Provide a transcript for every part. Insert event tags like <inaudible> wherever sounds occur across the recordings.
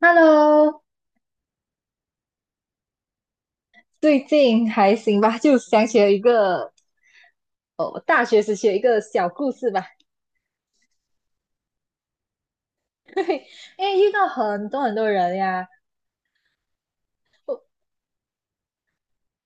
Hello，最近还行吧？就想起了一个哦，大学时期的一个小故事吧。<laughs> 对，因为遇到很多很多人呀，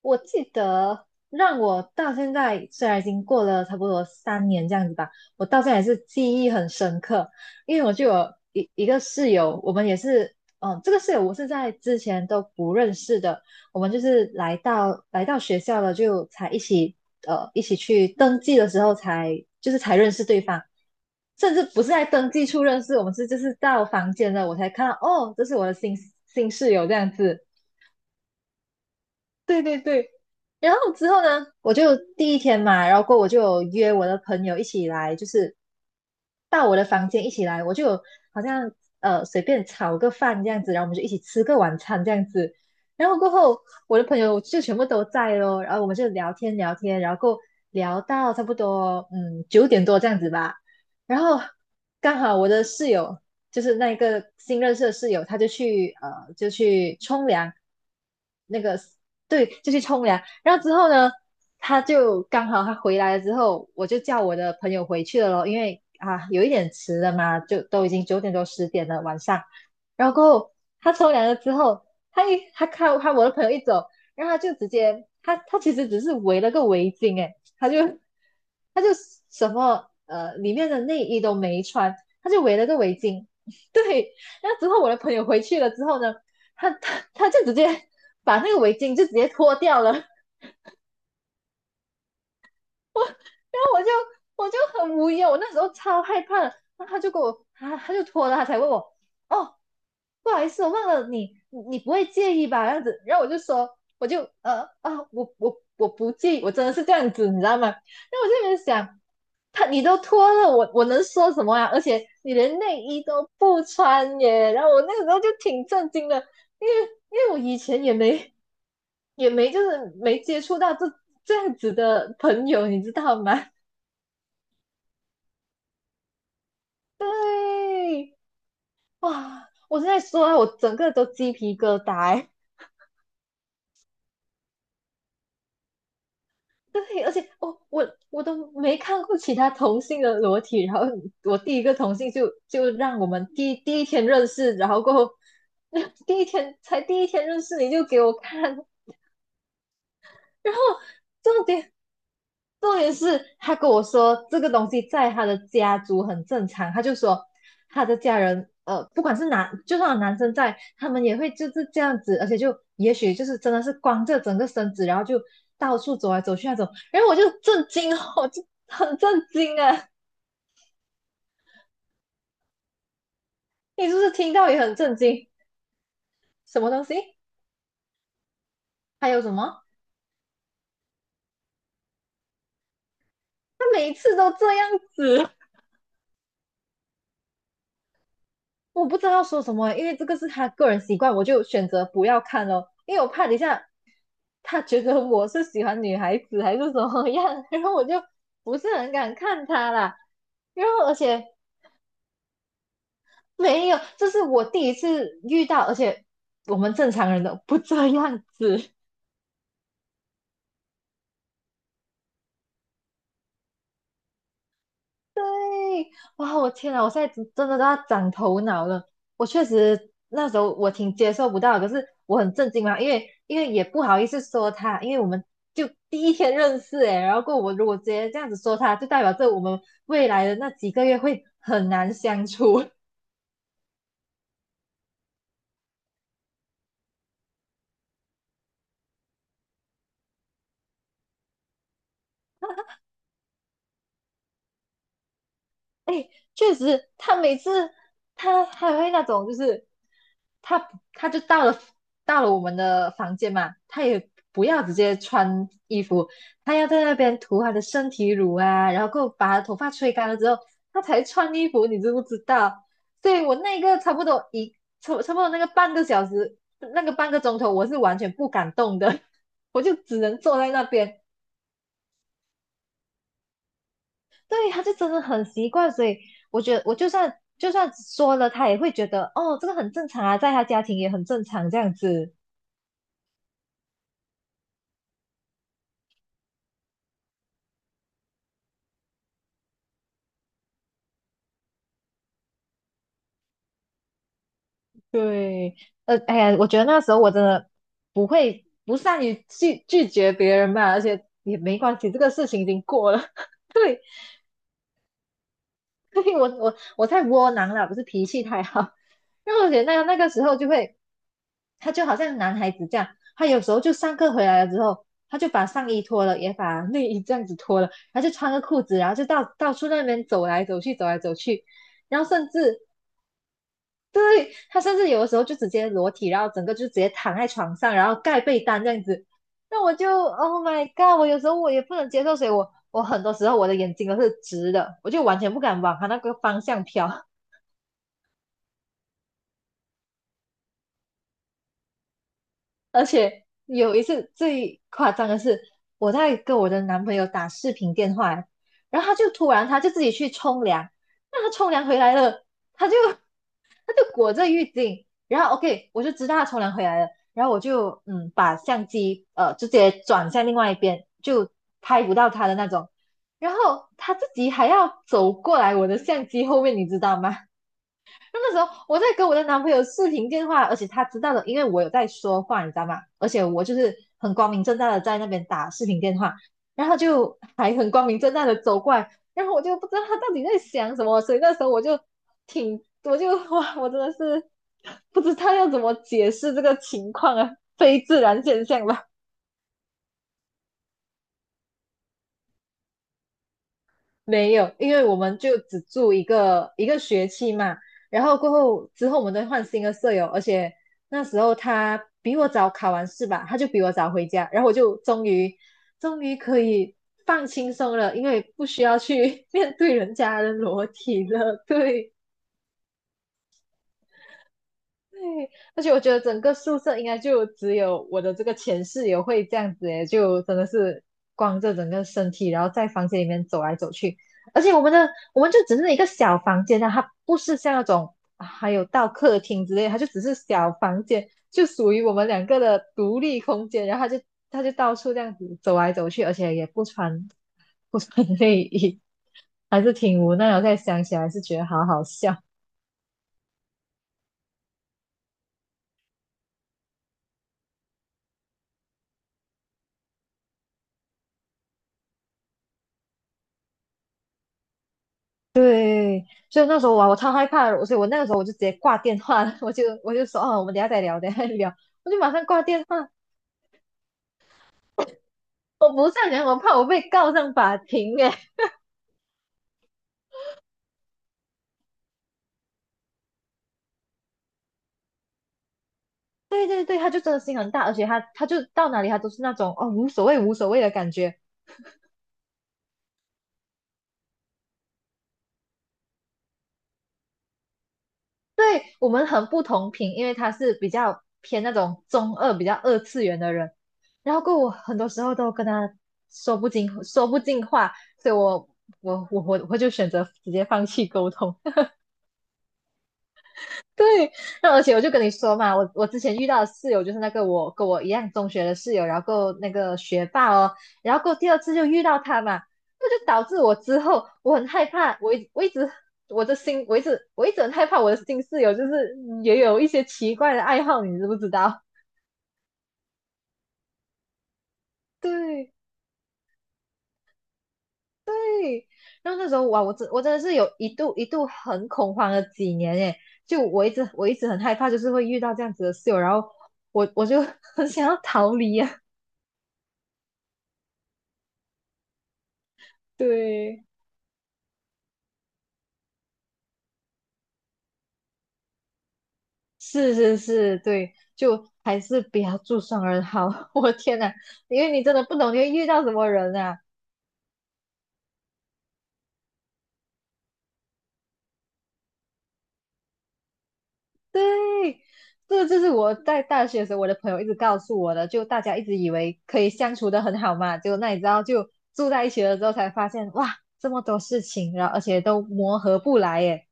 我记得让我到现在，虽然已经过了差不多3年这样子吧，我到现在也是记忆很深刻，因为我就有一个室友，我们也是，这个室友我是在之前都不认识的，我们就是来到学校了，就才一起去登记的时候才就是才认识对方，甚至不是在登记处认识，我们是就是到房间了，我才看到哦，这是我的新室友这样子。对对对，然后之后呢，我就第一天嘛，然后过后我就有约我的朋友一起来，就是到我的房间一起来，我就有好像随便炒个饭这样子，然后我们就一起吃个晚餐这样子。然后过后，我的朋友就全部都在咯，然后我们就聊天聊天，然后过后聊到差不多九点多这样子吧。然后刚好我的室友就是那一个新认识的室友，他就去就去冲凉，对，就去冲凉。然后之后呢，他就刚好他回来了之后，我就叫我的朋友回去了咯，因为啊有一点迟了嘛，就都已经九点多10点了晚上。然后过后他冲凉了之后，他看看我的朋友一走，然后他就直接他其实只是围了个围巾，诶，他就里面的内衣都没穿，他就围了个围巾。<laughs> 对，然后之后我的朋友回去了之后呢，他就直接把那个围巾就直接脱掉了，<laughs> 然后我就很无语哦我那时候超害怕的然后他就给我他就脱了，他才问我哦，不好意思，我忘了你不会介意吧？这样子，然后我就说我就呃啊我我我不介意，我真的是这样子，你知道吗？然后我就在想。你都脱了，我能说什么啊？而且你连内衣都不穿耶，然后我那个时候就挺震惊的，因为因为我以前也没也没就是没接触到这样子的朋友，你知道吗？<laughs> 对，哇，我现在说啊，我整个都鸡皮疙瘩欸。<laughs> 对，而且我都没看过其他同性的裸体，然后我第一个同性就让我们第一天认识，然后过后 <laughs> 第一天认识你就给我看，<laughs> 然后重点重点是他跟我说这个东西在他的家族很正常，他就说他的家人，不管是男，就算有男生在，他们也会就是这样子，而且就也许就是真的是光着整个身子，然后就到处走来走去那种，然后我就震惊哦，<laughs> 我就很震惊啊！你是不是听到也很震惊？什么东西？还有什么？他每一次都这样子，我不知道说什么，因为这个是他个人习惯，我就选择不要看咯，因为我怕等一下他觉得我是喜欢女孩子还是怎么样，<laughs> 然后我就不是很敢看他啦。然后而且没有，这是我第一次遇到，而且我们正常人都不这样子。哇，我天呐，我现在真的都要长头脑了。我确实那时候我挺接受不到的可是我很震惊嘛，因为也不好意思说他，因为我们就第一天认识诶，然后过后我如果直接这样子说他，就代表着我们未来的那几个月会很难相处。哎，确实，他每次还会那种，就是他他就到了我们的房间嘛，他也不要直接穿衣服，他要在那边涂他的身体乳啊，然后给我把他头发吹干了之后，他才穿衣服，你知不知道？所以我那个差不多半个小时，那个半个钟头，我是完全不敢动的，<laughs> 我就只能坐在那边。对，他就真的很习惯，所以我觉得我就算说了，他也会觉得哦，这个很正常啊，在他家庭也很正常这样子。对，哎呀，我觉得那时候我真的不会不善于拒绝别人吧，而且也没关系，这个事情已经过了。<laughs> 对，<laughs> 所以我太窝囊了，不是脾气太好。因为我觉得那个时候就会，他就好像男孩子这样，他有时候就上课回来了之后，他就把上衣脱了，也把内衣这样子脱了，他就穿个裤子，然后就到处那边走来走去，走来走去，然后甚至对，他甚至有的时候就直接裸体，然后整个就直接躺在床上，然后盖被单这样子。那我就 Oh my God！我有时候我也不能接受，所以我很多时候我的眼睛都是直的，我就完全不敢往他那个方向飘。而且有一次最夸张的是，我在跟我的男朋友打视频电话，然后他就突然自己去冲凉，那他冲凉回来了，他就 <laughs> 他就裹着浴巾，然后 OK 我就知道他冲凉回来了，然后我就把相机直接转向另外一边，就拍不到他的那种，然后他自己还要走过来我的相机后面，你知道吗？那时候我在跟我的男朋友视频电话，而且他知道的，因为我有在说话，你知道吗？而且我就是很光明正大的在那边打视频电话，然后就还很光明正大的走过来，然后我就不知道他到底在想什么，所以那时候我就挺，我就 <laughs> 哇，我真的是不知道要怎么解释这个情况啊，非自然现象吧。没有，因为我们就只住一个学期嘛，然后过后之后我们都换新的舍友，而且那时候他比我早考完试吧，他就比我早回家，然后我就终于可以放轻松了，因为不需要去 <laughs> 面对人家的裸体了。对，对，而且我觉得整个宿舍应该就只有我的这个前室友会这样子诶，就真的是光着整个身体，然后在房间里面走来走去。而且我们就只是一个小房间啊，它不是像那种啊还有到客厅之类，它就只是小房间，就属于我们两个的独立空间。然后他就到处这样子走来走去，而且也不穿内衣，<laughs> 还是挺无奈的。我在想起来是觉得好好笑。对，所以那时候哇，我超害怕的，所以我那个时候我就直接挂电话了，<laughs> 我就说哦，我们等一下再聊，等一下再聊，我就马上挂电话。我不善良，我怕我被告上法庭耶。<laughs> 对对对，他就真的心很大，而且他就到哪里他都是那种哦无所谓无所谓的感觉。对我们很不同频，因为他是比较偏那种中二、比较二次元的人，然后过后我很多时候都跟他说不进话，所以我就选择直接放弃沟通。对，那而且我就跟你说嘛，我之前遇到的室友就是那个我跟我一样中学的室友，然后够那个学霸哦，然后够第二次就遇到他嘛，那就导致我之后我很害怕，我一直很害怕我的新室友就是也有一些奇怪的爱好，你知不知道？<laughs> 对，然后那时候哇，我真的是有一度很恐慌了几年耶，就我一直很害怕，就是会遇到这样子的室友，然后我就 <laughs> 很想要逃离啊，对。是是是，对，就还是不要住双人好。<laughs> 我的天呐，因为你真的不懂你会遇到什么人啊。对，这就是我在大学的时候，我的朋友一直告诉我的，就大家一直以为可以相处的很好嘛，结果那你知道，就住在一起了之后才发现，哇，这么多事情，然后而且都磨合不来耶。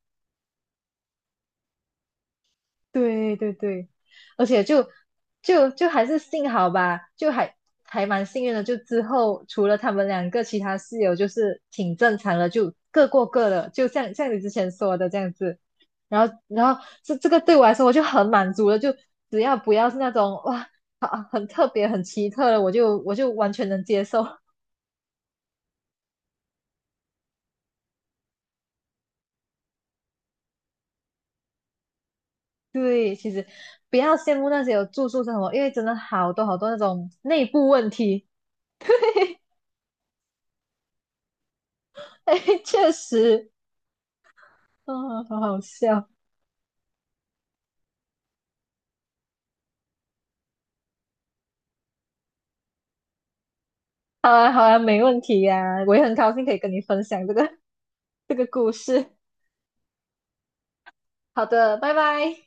对对对，而且就还是幸好吧，就还蛮幸运的。就之后除了他们两个，其他室友就是挺正常的，就各过各的，就像你之前说的这样子。然后这个对我来说我就很满足了，就只要不要是那种哇啊很特别很奇特的，我就完全能接受。<laughs> 对，其实不要羡慕那些有住宿生活，因为真的好多好多那种内部问题。<laughs> 哎，确实。<laughs> 哦，好好笑。好啊，好啊，没问题呀、我也很高兴可以跟你分享这个 <laughs> 这个故事。好的，拜拜。